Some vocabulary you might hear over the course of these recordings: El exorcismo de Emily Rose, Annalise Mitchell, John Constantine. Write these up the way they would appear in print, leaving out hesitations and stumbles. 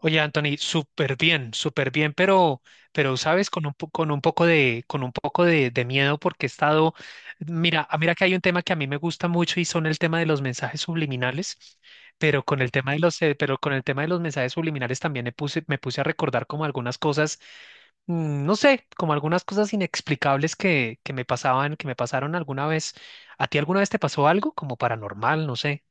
Oye, Anthony, súper bien, pero sabes, con un poco de, con un poco de miedo porque he estado, mira, mira que hay un tema que a mí me gusta mucho y son el tema de los mensajes subliminales, pero con el tema de pero con el tema de los mensajes subliminales también me puse a recordar como algunas cosas, no sé, como algunas cosas inexplicables que me pasaban, que me pasaron alguna vez. ¿A ti alguna vez te pasó algo como paranormal? No sé.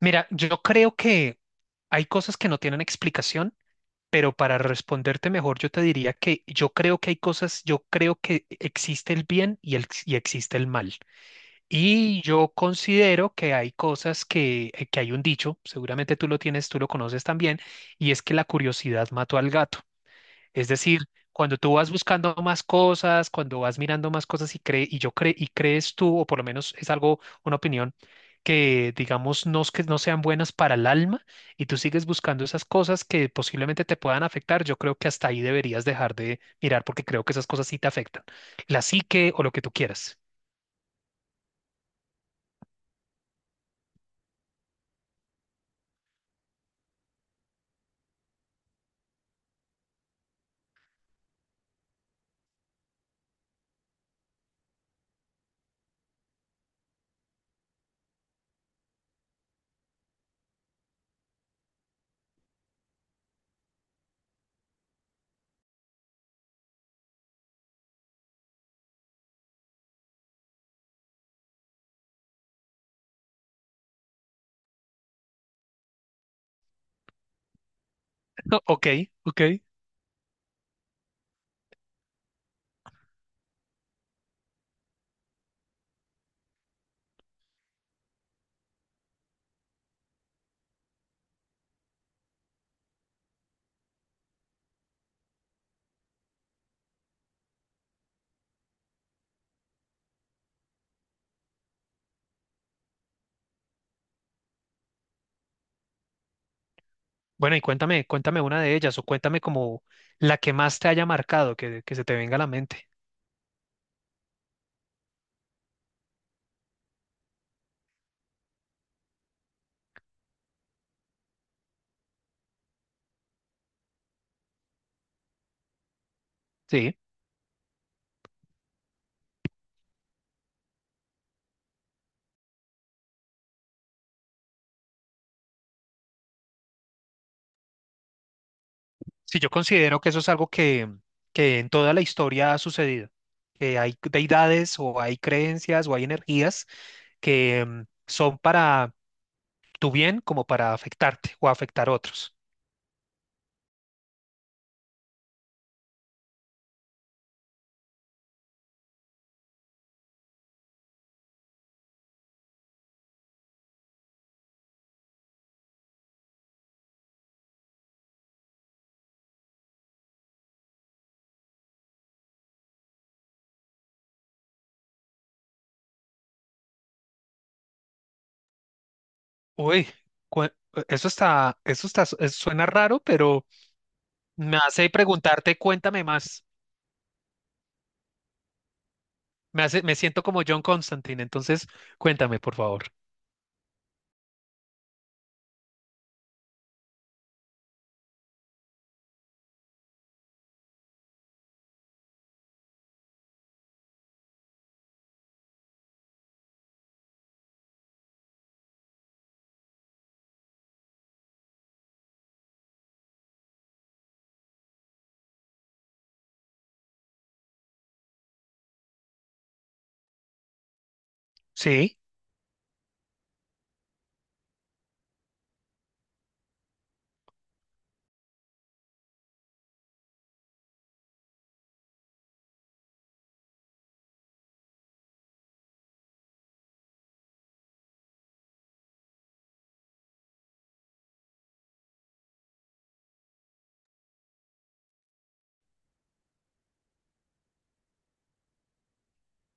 Mira, yo creo que hay cosas que no tienen explicación. Pero para responderte mejor, yo te diría que yo creo que hay cosas, yo creo que existe el bien y y existe el mal. Y yo considero que hay cosas que, que hay un dicho, seguramente tú lo tienes, tú lo conoces también, y es que la curiosidad mató al gato. Es decir, cuando tú vas buscando más cosas, cuando vas mirando más cosas y cree, y yo cre- y crees tú, o por lo menos es algo, una opinión, que digamos no, es que no sean buenas para el alma, y tú sigues buscando esas cosas que posiblemente te puedan afectar, yo creo que hasta ahí deberías dejar de mirar, porque creo que esas cosas sí te afectan. La psique o lo que tú quieras. Ok, ok. Bueno, y cuéntame, cuéntame una de ellas o cuéntame como la que más te haya marcado, que se te venga a la mente. Sí, sí, yo considero que eso es algo que en toda la historia ha sucedido, que hay deidades o hay creencias o hay energías que son para tu bien como para afectarte o afectar a otros. Uy, cu- eso está, eso está, eso suena raro, pero me hace preguntarte, cuéntame más. Me hace, me siento como John Constantine, entonces cuéntame, por favor. Sí.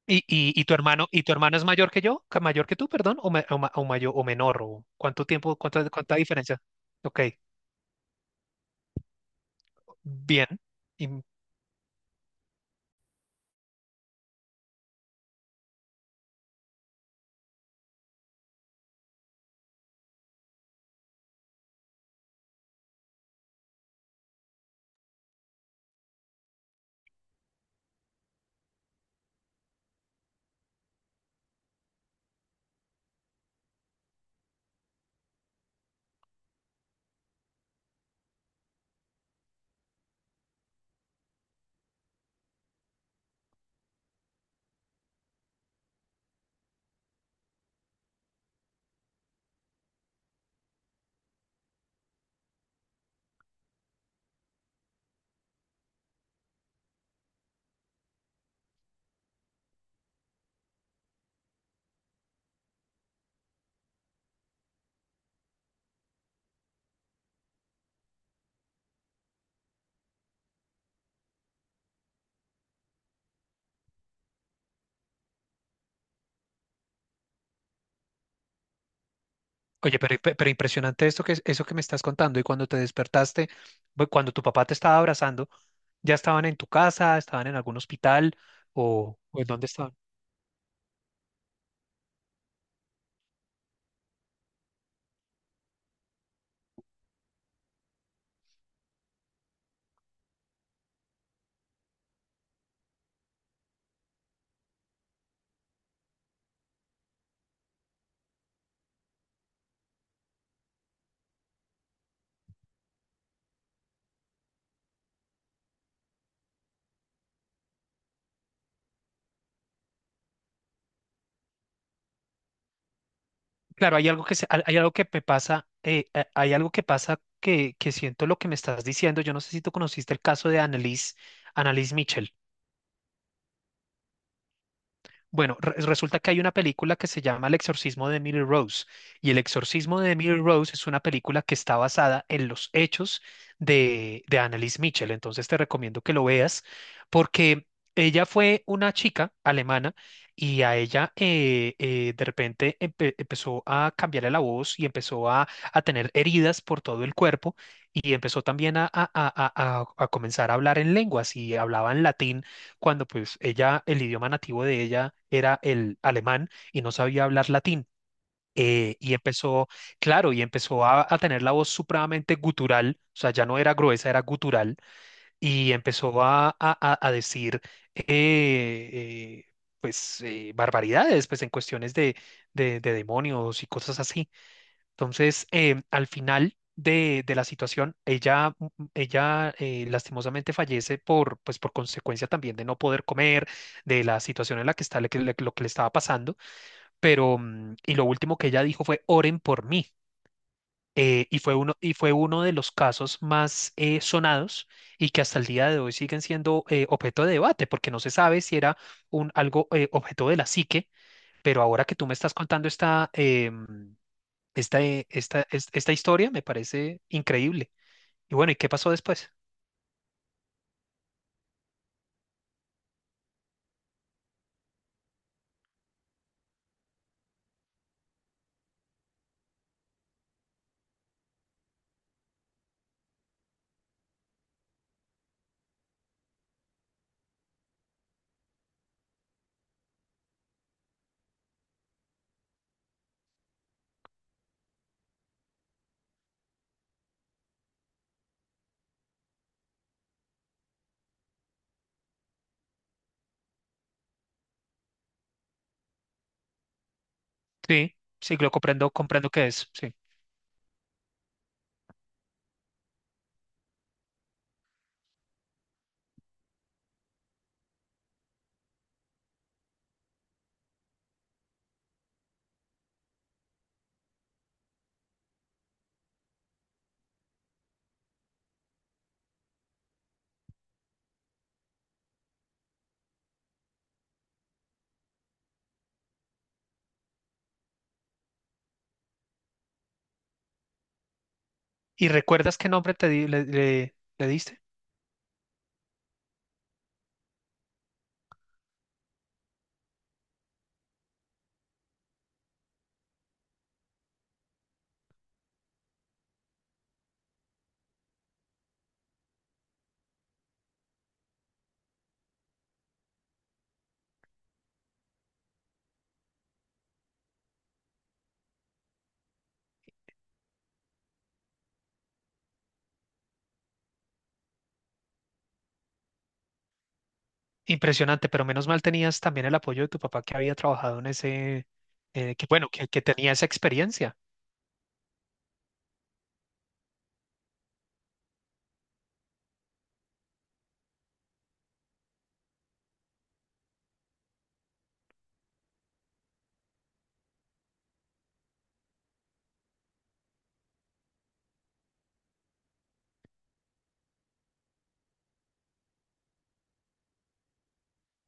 Y tu hermano es mayor que yo? Mayor que tú, perdón? ¿O, o mayor o menor? ¿O cuánto tiempo, cuánta, cuánta diferencia? Ok, bien. Y- Oye, pero, pero impresionante esto eso que me estás contando. Y cuando te despertaste, cuando tu papá te estaba abrazando, ¿ya estaban en tu casa? ¿Estaban en algún hospital? O en dónde estaban? Claro, hay algo hay algo que me pasa, hay algo que pasa que siento lo que me estás diciendo. Yo no sé si tú conociste el caso de Annalise, Annalise Mitchell. Bueno, resulta que hay una película que se llama El exorcismo de Emily Rose y El exorcismo de Emily Rose es una película que está basada en los hechos de Annalise Mitchell. Entonces te recomiendo que lo veas porque ella fue una chica alemana y a ella de repente empezó a cambiarle la voz y empezó a tener heridas por todo el cuerpo y empezó también a comenzar a hablar en lenguas y hablaba en latín cuando pues ella, el idioma nativo de ella era el alemán y no sabía hablar latín. Y empezó, claro, y empezó a- tener la voz supremamente gutural, o sea, ya no era gruesa, era gutural, y empezó a, a decir, eh, eh, pues, barbaridades, pues en cuestiones de demonios y cosas así. Entonces, al final de la situación, ella, ella lastimosamente fallece por, pues, por consecuencia también de no poder comer, de la situación en la que está, lo que le estaba pasando. Pero, y lo último que ella dijo fue, oren por mí. Y fue uno, y fue uno de los casos más sonados y que hasta el día de hoy siguen siendo objeto de debate, porque no se sabe si era un, algo objeto de la psique, pero ahora que tú me estás contando esta, esta, esta, esta historia me parece increíble. Y bueno, ¿y qué pasó después? Sí, sí, lo comprendo, comprendo qué es, sí. ¿Y recuerdas qué nombre le, le diste? Impresionante, pero menos mal tenías también el apoyo de tu papá que había trabajado en ese, que bueno, que tenía esa experiencia.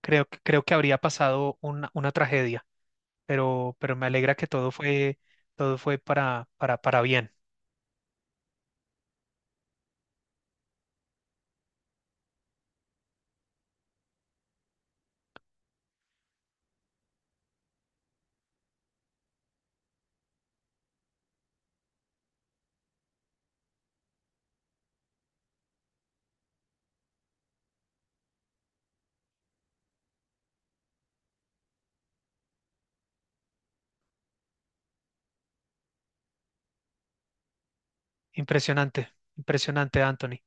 Creo, creo que habría pasado una tragedia. Pero me alegra que todo fue para bien. Impresionante, impresionante, Anthony.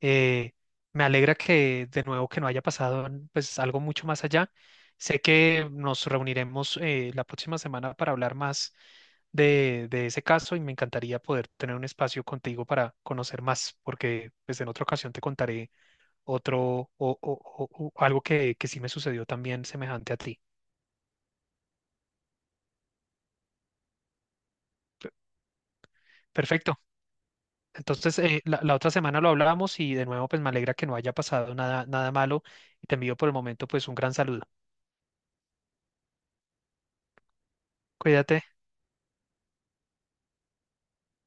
Eh, Me alegra que de nuevo que no haya pasado pues algo mucho más allá. Sé que nos reuniremos la próxima semana para hablar más de ese caso y me encantaría poder tener un espacio contigo para conocer más, porque pues en otra ocasión te contaré otro o algo que sí me sucedió también semejante a ti. Perfecto. Entonces, la, la otra semana lo hablábamos y de nuevo, pues me alegra que no haya pasado nada, nada malo y te envío por el momento, pues un gran saludo. Cuídate.